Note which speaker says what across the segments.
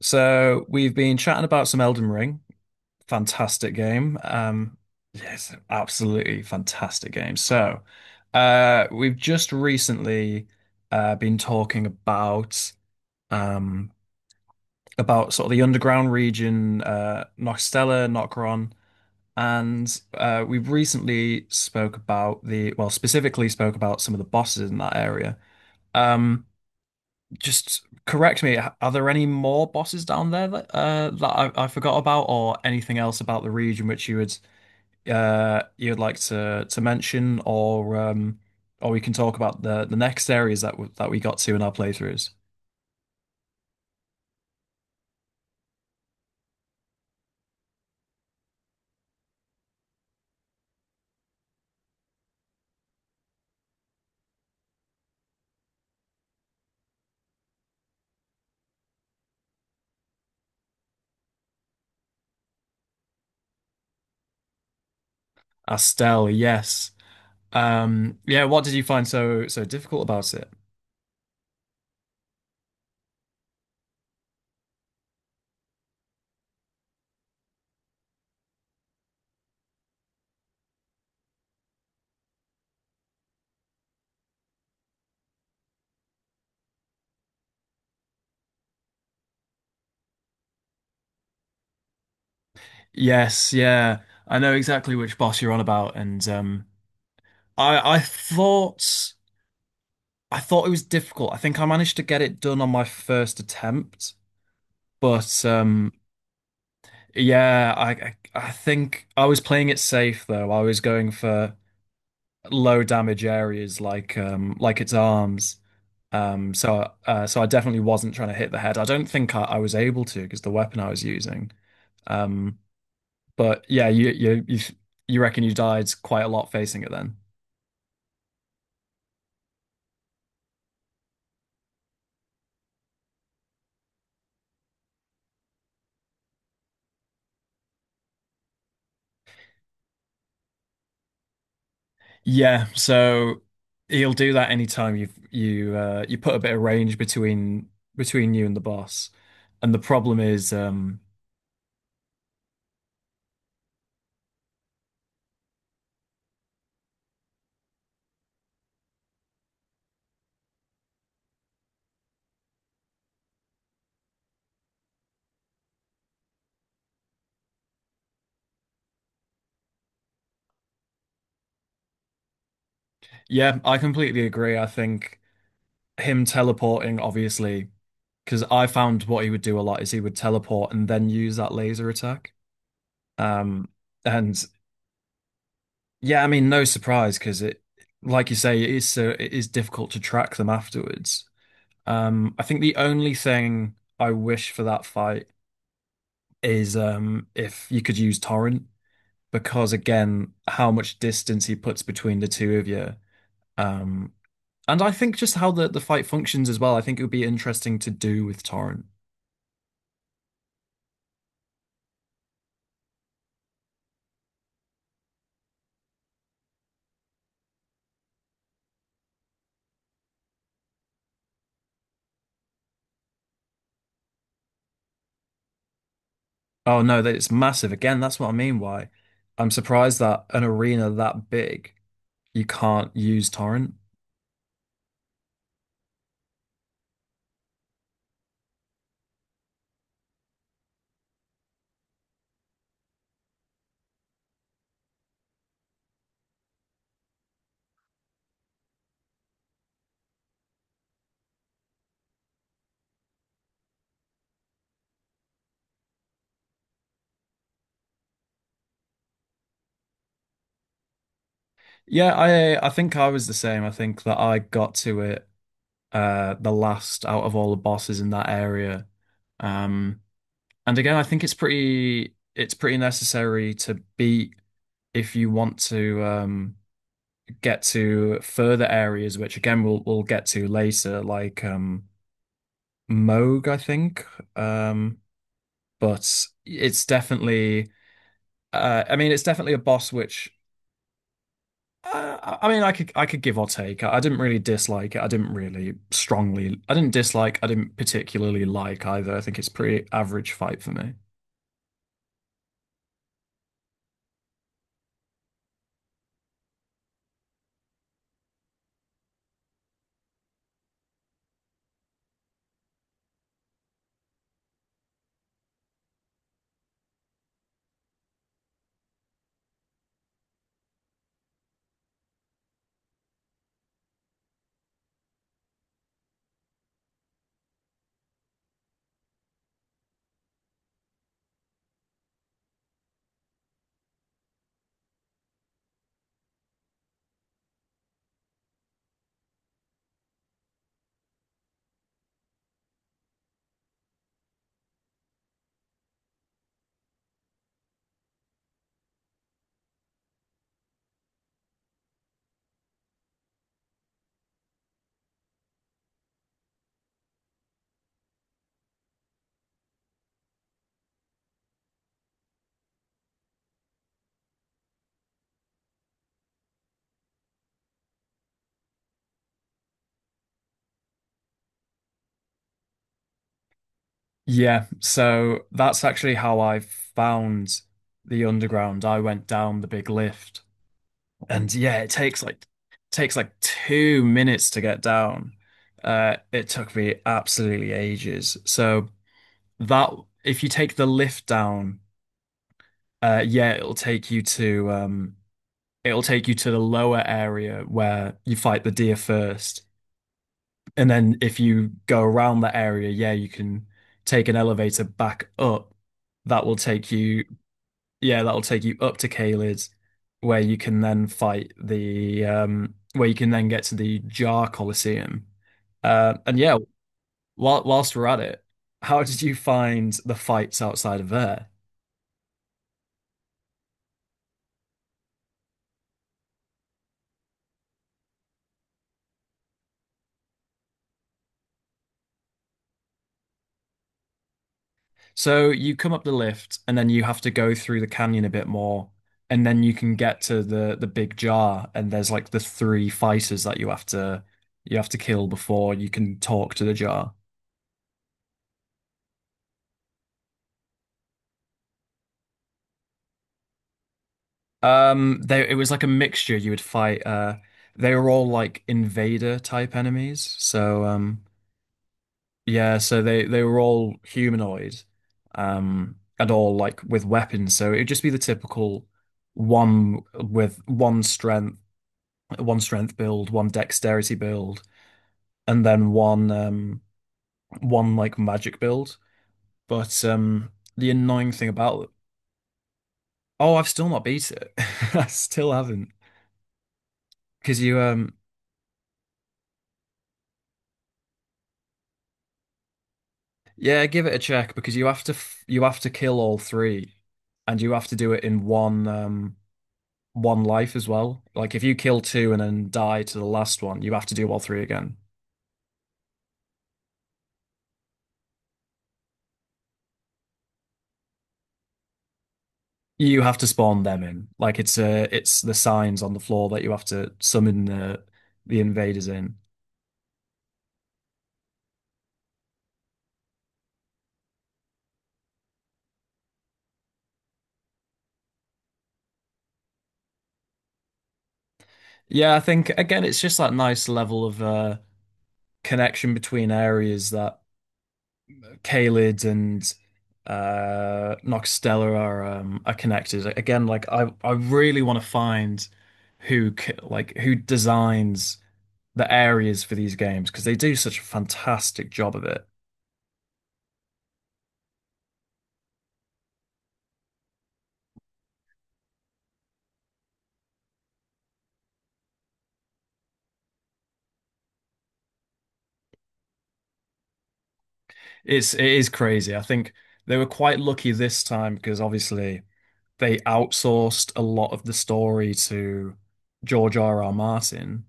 Speaker 1: So we've been chatting about some Elden Ring. Fantastic game. Yes, absolutely fantastic game. So we've just recently been talking um, about sort of the underground region, Noxtella, Nokron, and we've recently spoke about the, specifically spoke about some of the bosses in that area. Um, just correct me. Are there any more bosses down there that that I forgot about, or anything else about the region which you would you'd like to mention, or we can talk about the next areas that w that we got to in our playthroughs. Astel, yes. Yeah. What did you find so difficult about it? Yes, yeah. I know exactly which boss you're on about, and I thought I thought it was difficult. I think I managed to get it done on my first attempt. But yeah, I think I was playing it safe though. I was going for low damage areas like its arms. So I definitely wasn't trying to hit the head. I don't think I was able to because the weapon I was using. Um, but yeah, you reckon you died quite a lot facing it then? Yeah, so he'll do that anytime you you put a bit of range between you and the boss. And the problem is, yeah, I completely agree. I think him teleporting, obviously, because I found what he would do a lot is he would teleport and then use that laser attack. Um, and yeah, I mean, no surprise because like you say, it is difficult to track them afterwards. I think the only thing I wish for that fight is if you could use torrent because again how much distance he puts between the two of you um and I think just how the fight functions as well. I think it would be interesting to do with torrent. Oh no, that it's massive. Again, that's what I mean. Why I'm surprised that an arena that big you can't use torrent. Yeah, I think I was the same. I think that I got to it the last out of all the bosses in that area. um And again, I think it's pretty necessary to beat if you want to get to further areas, which again we'll get to later, like Moog, I think. Um, but it's definitely I mean it's definitely a boss which I mean I could give or take. I didn't really dislike it. I didn't really strongly. I didn't dislike. I didn't particularly like either. I think it's a pretty average fight for me. Yeah, so that's actually how I found the underground. I went down the big lift, and yeah, it takes like 2 minutes to get down. It took me absolutely ages. So that if you take the lift down, uh, yeah, it'll take you to um, it'll take you to the lower area where you fight the deer first, and then if you go around that area, yeah, you can take an elevator back up that will take you yeah, that'll take you up to Caelid, where you can then fight the where you can then get to the Jar Colosseum. And yeah, whilst we're at it, how did you find the fights outside of there? So you come up the lift and then you have to go through the canyon a bit more, and then you can get to the big jar, and there's like the three fighters that you have to kill before you can talk to the jar. They it was like a mixture. You would fight. They were all like invader type enemies. Yeah. So they were all humanoid, and all like with weapons. So it'd just be the typical one with one strength, one strength build, one dexterity build, and then one like magic build. But the annoying thing about oh, I've still not beat it. I still haven't because you Yeah, give it a check because you have to f you have to kill all three, and you have to do it in one life as well. Like if you kill two and then die to the last one, you have to do all three again. You have to spawn them in. Like it's the signs on the floor that you have to summon the invaders in. Yeah, I think again it's just that nice level of connection between areas that Caelid and Noxtella are connected. Again, like I really want to find like who designs the areas for these games because they do such a fantastic job of it. It is crazy. I think they were quite lucky this time because obviously they outsourced a lot of the story to George R. R. Martin,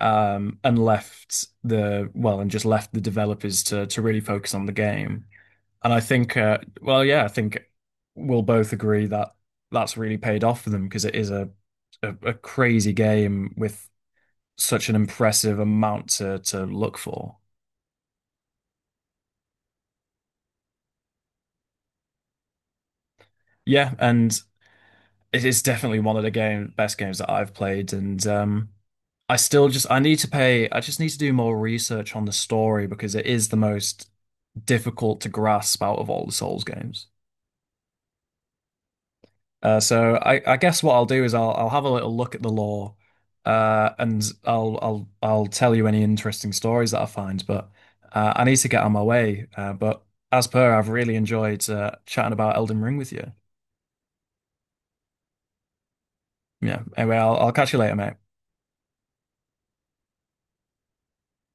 Speaker 1: and left the well and just left the developers to really focus on the game. And I think, yeah, I think we'll both agree that that's really paid off for them because it is a crazy game with such an impressive amount to look for. Yeah, and it is definitely one of the game best games that I've played, and I still just I need to pay. I just need to do more research on the story because it is the most difficult to grasp out of all the Souls games. I guess what I'll do is I'll have a little look at the law, and I'll tell you any interesting stories that I find. But I need to get on my way. But as per, I've really enjoyed chatting about Elden Ring with you. Yeah. Anyway, I'll catch you later, mate.